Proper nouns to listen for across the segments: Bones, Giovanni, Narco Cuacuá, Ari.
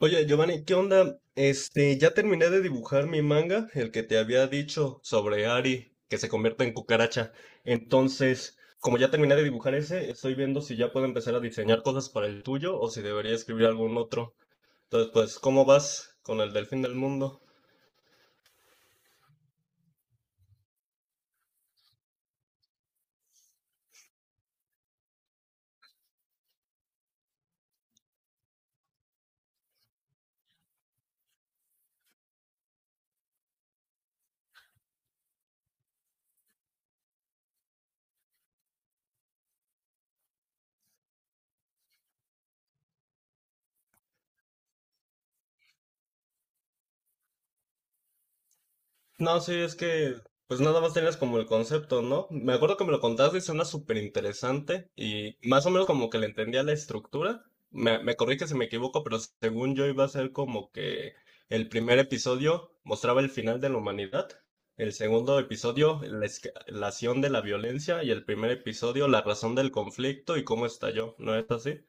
Oye, Giovanni, ¿qué onda? Este, ya terminé de dibujar mi manga, el que te había dicho sobre Ari, que se convierte en cucaracha. Entonces, como ya terminé de dibujar ese, estoy viendo si ya puedo empezar a diseñar cosas para el tuyo o si debería escribir algún otro. Entonces, pues, ¿cómo vas con el del fin del mundo? No, sí, es que pues nada más tenías como el concepto, ¿no? Me acuerdo que me lo contaste y suena súper interesante y más o menos como que le entendía la estructura. Me corrige si me equivoco, pero según yo iba a ser como que el primer episodio mostraba el final de la humanidad, el segundo episodio la escalación de la violencia y el primer episodio la razón del conflicto y cómo estalló, ¿no es así?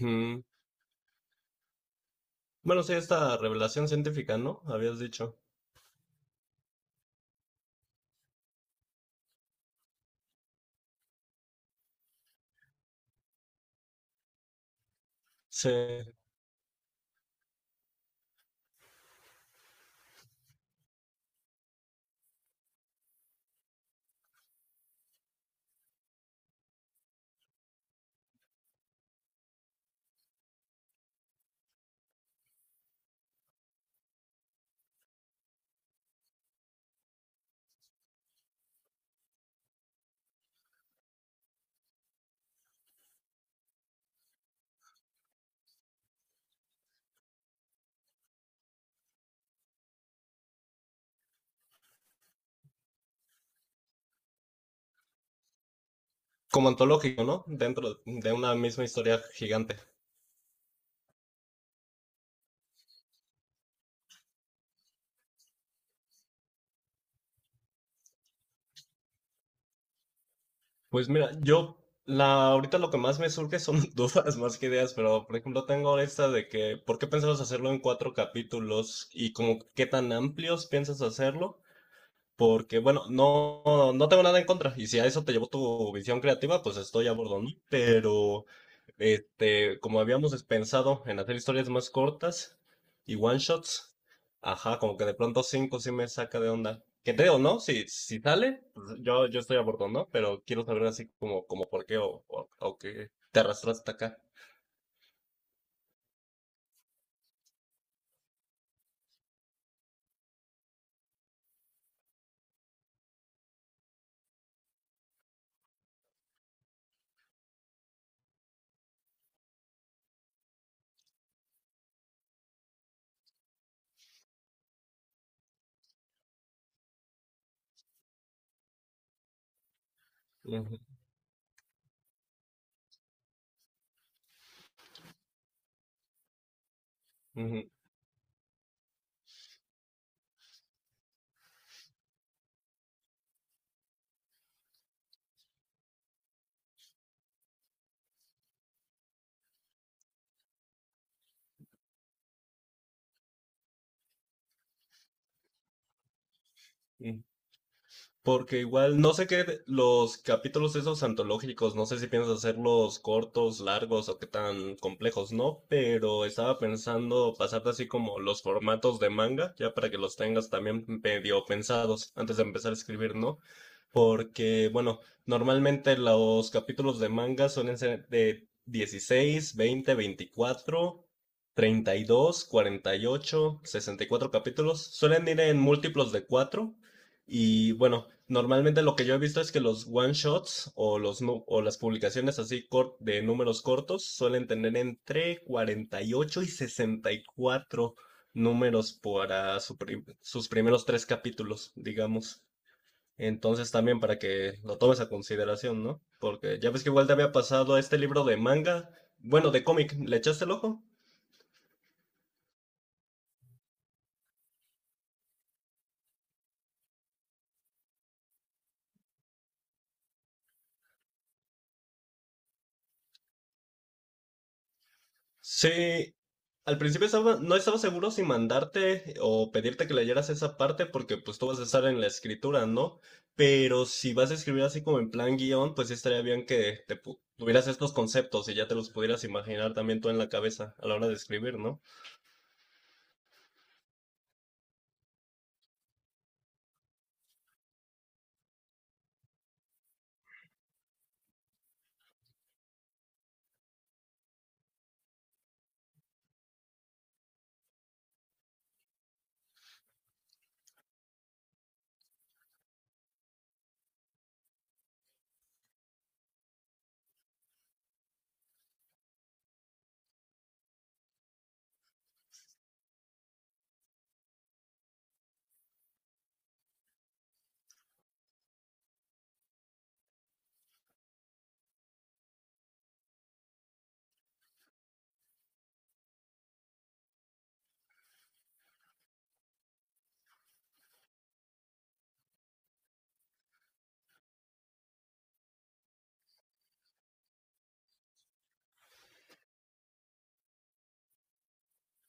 Mm. Bueno, sí, esta revelación científica, ¿no? Habías dicho. Sí. Como antológico, ¿no? Dentro de una misma historia gigante. Pues mira, yo ahorita lo que más me surge son dudas más que ideas, pero por ejemplo tengo esta de que, ¿por qué pensabas hacerlo en cuatro capítulos? Y como, ¿qué tan amplios piensas hacerlo? Porque, bueno, no, no tengo nada en contra. Y si a eso te llevó tu visión creativa, pues estoy a bordo, ¿no? Pero, este, como habíamos pensado en hacer historias más cortas y one shots, ajá, como que de pronto cinco sí me saca de onda. Que te digo, ¿no? Si, si sale, pues yo estoy a bordo, ¿no? Pero quiero saber así como, como por qué o qué te arrastraste hasta acá. Ujú, ujú, ujú. Porque igual, no sé qué, los capítulos esos antológicos, no sé si piensas hacerlos cortos, largos o qué tan complejos, ¿no? Pero estaba pensando pasarte así como los formatos de manga, ya para que los tengas también medio pensados antes de empezar a escribir, ¿no? Porque, bueno, normalmente los capítulos de manga suelen ser de 16 20 24 32 48 64 capítulos. Suelen ir en múltiplos de 4 y bueno, normalmente lo que yo he visto es que los one shots o las publicaciones así de números cortos suelen tener entre 48 y 64 números para su sus primeros tres capítulos, digamos. Entonces también para que lo tomes a consideración, ¿no? Porque ya ves que igual te había pasado este libro de manga, bueno, de cómic, ¿le echaste el ojo? Sí, al principio no estaba seguro si mandarte o pedirte que leyeras esa parte porque pues tú vas a estar en la escritura, ¿no? Pero si vas a escribir así como en plan guión, pues sí estaría bien que tuvieras estos conceptos y ya te los pudieras imaginar también tú en la cabeza a la hora de escribir, ¿no?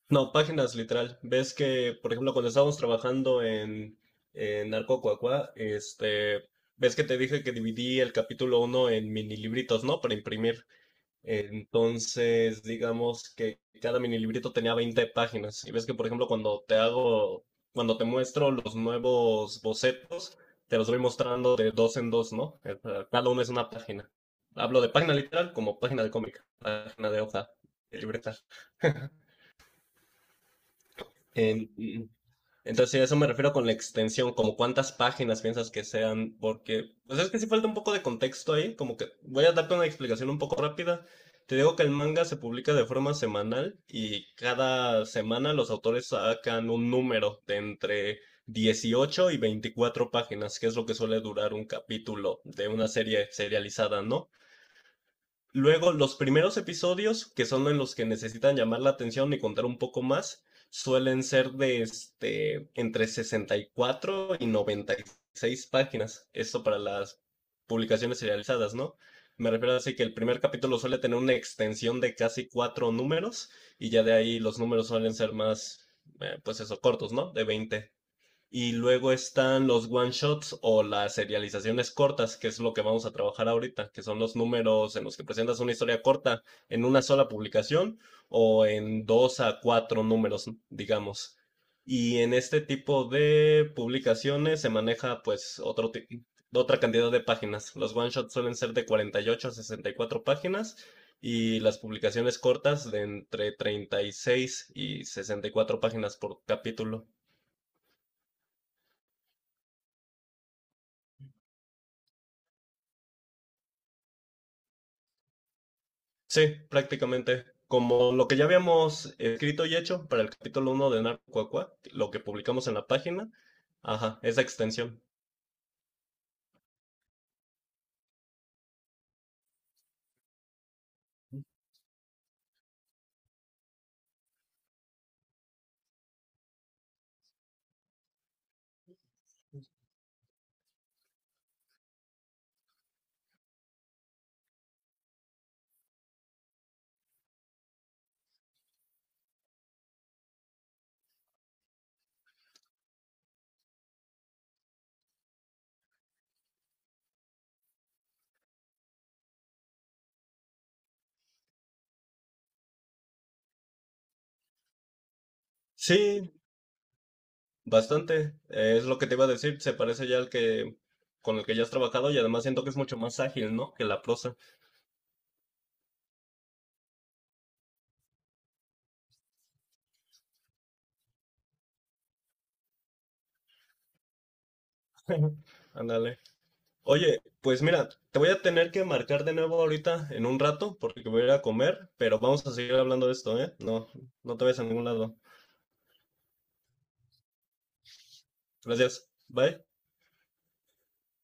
No, páginas literal. Ves que, por ejemplo, cuando estábamos trabajando en Narco Cuacuá, este, ves que te dije que dividí el capítulo uno en mini libritos, ¿no? Para imprimir. Entonces, digamos que cada mini librito tenía 20 páginas. Y ves que, por ejemplo, cuando te hago, cuando te muestro los nuevos bocetos, te los voy mostrando de dos en dos, ¿no? Cada uno es una página. Hablo de página literal como página de cómic, página de hoja, de libreta. Em, entonces, sí, a eso me refiero con la extensión, como cuántas páginas piensas que sean, porque, pues es que sí falta un poco de contexto ahí, como que voy a darte una explicación un poco rápida. Te digo que el manga se publica de forma semanal y cada semana los autores sacan un número de entre 18 y 24 páginas, que es lo que suele durar un capítulo de una serie serializada, ¿no? Luego, los primeros episodios, que son en los que necesitan llamar la atención y contar un poco más, suelen ser de este, entre 64 y 96 páginas. Esto para las publicaciones serializadas, ¿no? Me refiero así que el primer capítulo suele tener una extensión de casi cuatro números y ya de ahí los números suelen ser más, pues eso, cortos, ¿no? De 20. Y luego están los one shots o las serializaciones cortas, que es lo que vamos a trabajar ahorita, que son los números en los que presentas una historia corta en una sola publicación o en dos a cuatro números, digamos. Y en este tipo de publicaciones se maneja pues otra cantidad de páginas. Los one shots suelen ser de 48 a 64 páginas y las publicaciones cortas de entre 36 y 64 páginas por capítulo. Sí, prácticamente. Como lo que ya habíamos escrito y hecho para el capítulo uno de Narco Cuacuá, lo que publicamos en la página, ajá, esa extensión. Sí, bastante. Es lo que te iba a decir, se parece ya al que con el que ya has trabajado y además siento que es mucho más ágil, ¿no? Que la prosa. Ándale. Oye, pues mira, te voy a tener que marcar de nuevo ahorita en un rato porque voy a ir a comer, pero vamos a seguir hablando de esto, ¿eh? No, no te vayas a ningún lado. Gracias. Bye.